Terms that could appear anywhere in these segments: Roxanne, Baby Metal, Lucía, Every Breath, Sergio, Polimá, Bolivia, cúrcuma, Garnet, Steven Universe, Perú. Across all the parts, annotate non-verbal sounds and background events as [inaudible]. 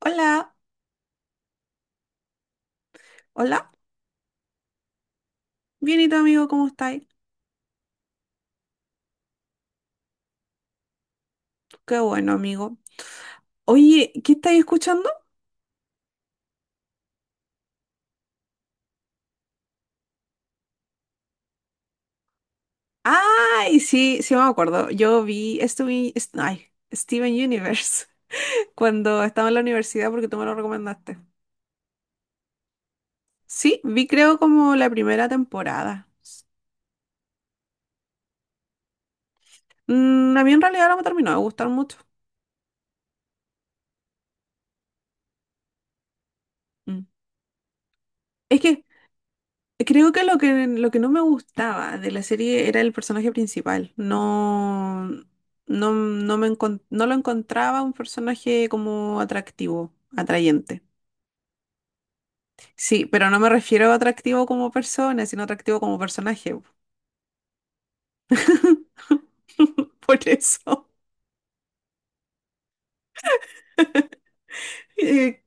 Hola, hola. Bien, ¿y tu amigo cómo estáis? Qué bueno, amigo. Oye, ¿qué estáis escuchando? Ay, sí, sí me acuerdo. Yo vi Steven Universe [laughs] cuando estaba en la universidad porque tú me lo recomendaste. Sí, vi creo como la primera temporada. Mm, a mí en realidad no me terminó de gustar mucho. Mm. Es que creo que lo que no me gustaba de la serie era el personaje principal. No, no, no lo encontraba un personaje como atractivo, atrayente. Sí, pero no me refiero a atractivo como persona, sino atractivo como personaje. [laughs] Por eso. Eh,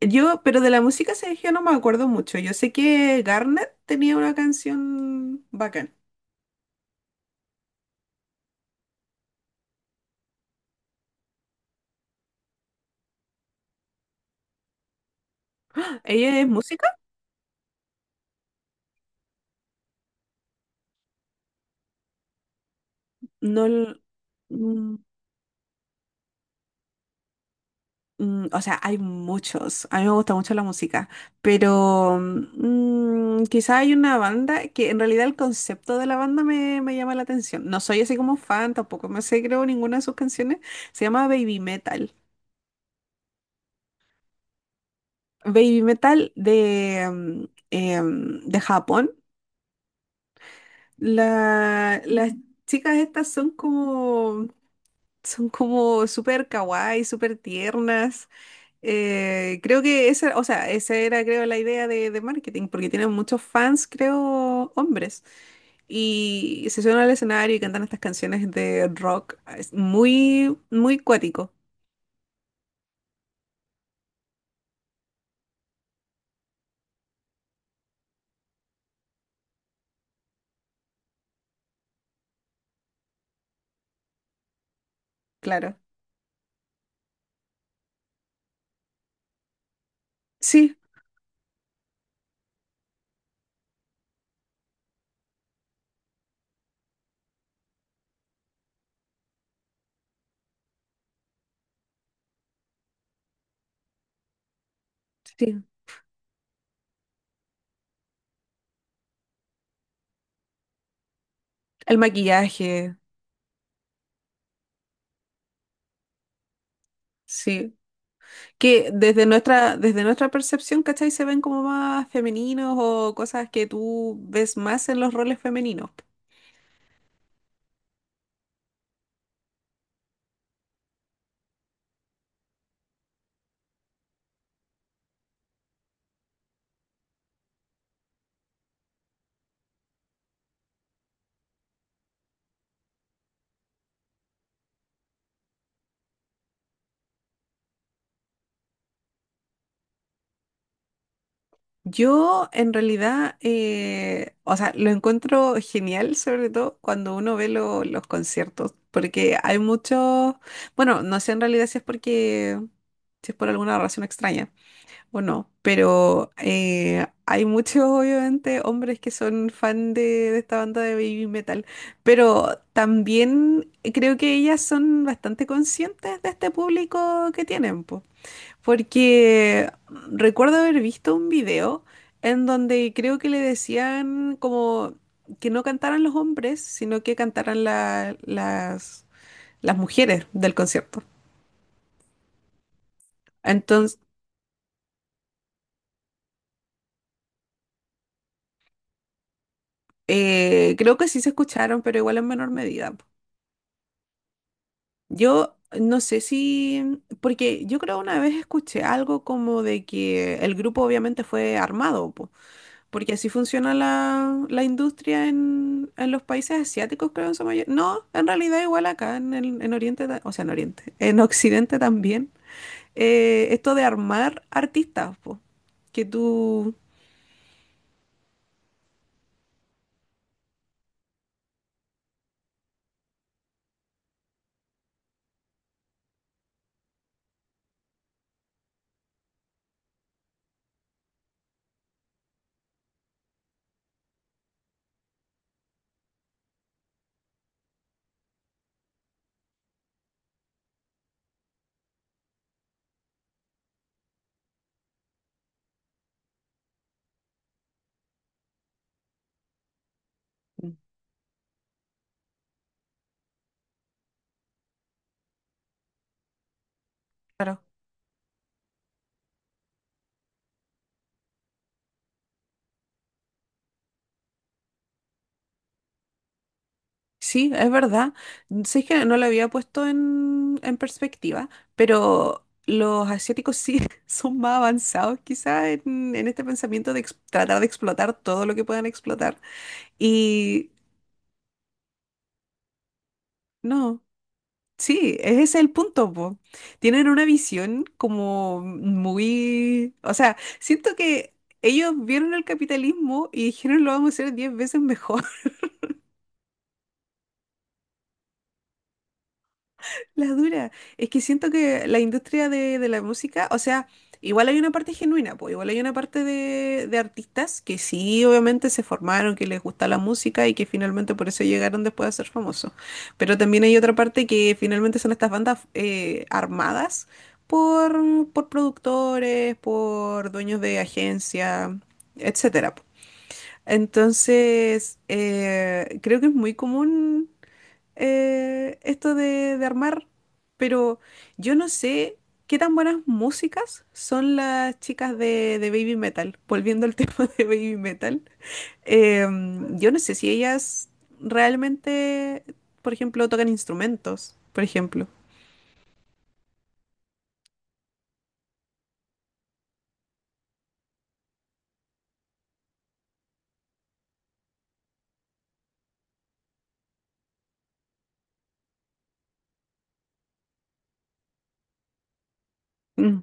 yo, pero de la música, Sergio, no me acuerdo mucho. Yo sé que Garnet tenía una canción bacán. ¿Ella es música? No. Mm, Mm, o sea, hay muchos. A mí me gusta mucho la música, pero quizá hay una banda que en realidad el concepto de la banda me llama la atención. No soy así como fan, tampoco me sé creo ninguna de sus canciones. Se llama Baby Metal. Baby Metal de de Japón. Las Ujú, chicas estas son como súper kawaii, súper tiernas. Creo que esa, o sea, esa era, creo, la idea de marketing, porque tienen muchos fans, creo, hombres. Y se suben al escenario y cantan estas canciones de rock. Es muy, muy cuático, claro. Sí, sí. El maquillaje, sí. Que desde nuestra percepción, ¿cachai? Se ven como más femeninos o cosas que tú ves más en los roles femeninos. Yo en realidad, o sea, lo encuentro genial, sobre todo cuando uno ve los conciertos, porque hay muchos, bueno, no sé en realidad si es porque, si es por alguna razón extraña o no, pero hay muchos, obviamente, hombres que son fan de esta banda de baby metal, pero también creo que ellas son bastante conscientes de este público que tienen, porque recuerdo haber visto un video en donde creo que le decían como que no cantaran los hombres, sino que cantaran las mujeres del concierto. Entonces, creo que sí se escucharon, pero igual en menor medida, po. Yo no sé si, porque yo creo una vez escuché algo como de que el grupo obviamente fue armado, po. Porque así funciona la industria en los países asiáticos, creo, en su mayoría. No, en realidad igual acá en Oriente, o sea, en Oriente, en Occidente también. Esto de armar artistas, po, que tú... Mm. Claro. Sí, es verdad. Sé que no lo había puesto en perspectiva, pero los asiáticos sí [laughs] son más avanzados quizá en este pensamiento de tratar de explotar todo lo que puedan explotar. Y no. Sí, ese es el punto, po. Tienen una visión como muy... O sea, siento que ellos vieron el capitalismo y dijeron lo vamos a hacer 10 veces mejor. La dura. Es que siento que la industria de la música, o sea, igual hay una parte genuina, pues igual hay una parte de artistas que sí, obviamente se formaron, que les gusta la música y que finalmente por eso llegaron después a ser famosos. Pero también hay otra parte que finalmente son estas bandas armadas por productores, por dueños de agencia, etcétera. Entonces, creo que es muy común esto de armar, pero yo no sé qué tan buenas músicas son las chicas de Baby Metal, volviendo al [laughs] tema de Baby Metal. Em, yo no sé si ellas realmente, por ejemplo, tocan instrumentos, por ejemplo. Mm,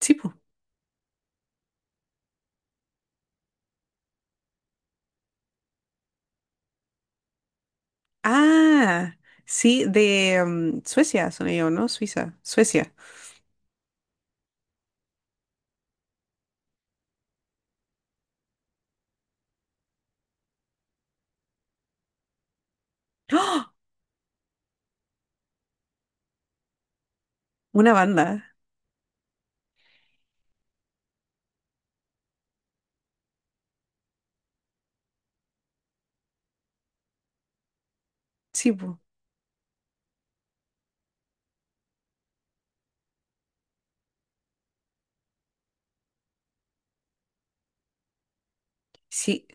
sí, po. Ah, sí, de Suecia son ellos, ¿no? Suiza, Suecia. ¡Ah! Una banda, sí, po. Sí,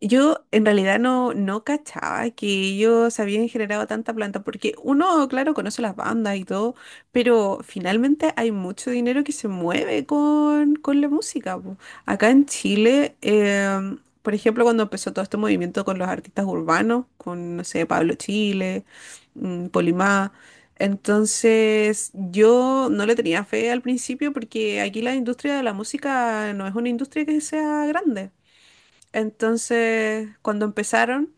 yo en realidad no, no cachaba que ellos habían generado tanta planta, porque uno, claro, conoce las bandas y todo, pero finalmente hay mucho dinero que se mueve con la música, po. Acá en Chile, por ejemplo, cuando empezó todo este movimiento con los artistas urbanos, con, no sé, Pablo Chile, Polimá. Entonces, yo no le tenía fe al principio porque aquí la industria de la música no es una industria que sea grande. Entonces, cuando empezaron,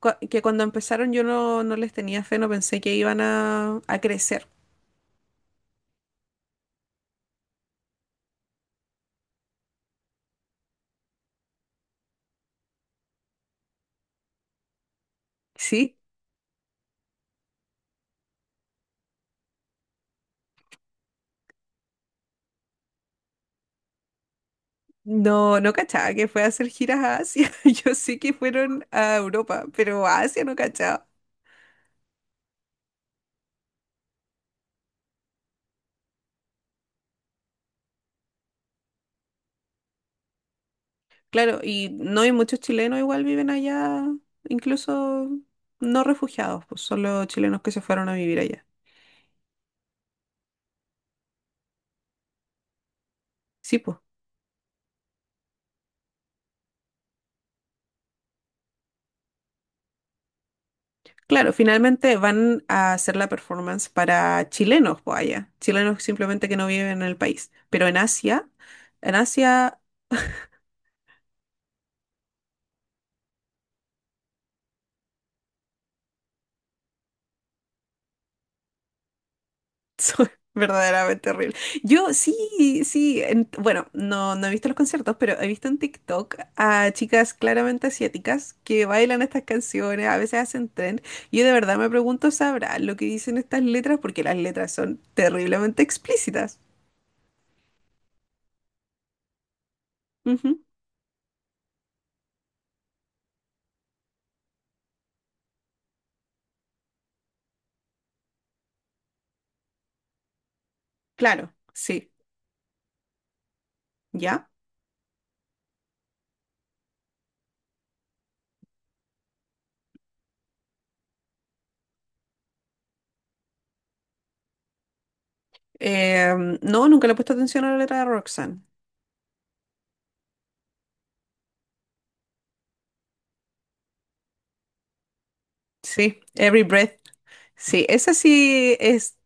que cuando empezaron yo no, no les tenía fe, no pensé que iban a crecer. Sí, no, no cachaba que fue a hacer giras a Asia. [laughs] Yo sé que fueron a Europa, pero a Asia no cachaba. Claro, y no hay muchos chilenos igual viven allá, incluso no refugiados, pues solo chilenos que se fueron a vivir allá. Sí, pues. Claro, finalmente van a hacer la performance para chilenos, pues allá. Chilenos simplemente que no viven en el país. Pero en Asia, [laughs] soy verdaderamente horrible. Yo sí, sí, bueno, no, no he visto los conciertos, pero he visto en TikTok a chicas claramente asiáticas que bailan estas canciones, a veces hacen tren. Yo de verdad me pregunto, ¿sabrán lo que dicen estas letras? Porque las letras son terriblemente explícitas. Ujú. Claro, sí, ¿ya? Eh, no, nunca le he puesto atención a la letra de Roxanne. Sí, Every Breath. Sí, esa sí es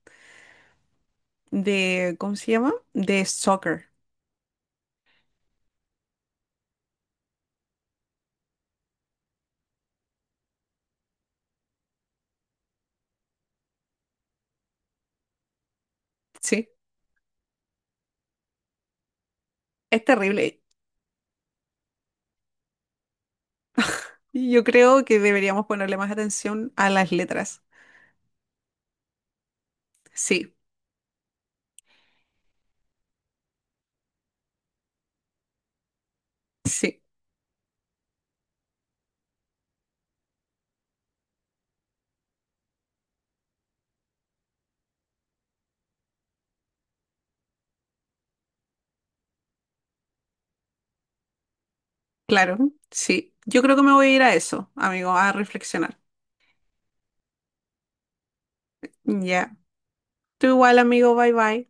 de, ¿cómo se llama? De soccer. Sí, es terrible. Yo creo que deberíamos ponerle más atención a las letras. Sí, sí, claro, sí. Yo creo que me voy a ir a eso, amigo, a reflexionar. Ya. Tú igual, amigo, bye bye.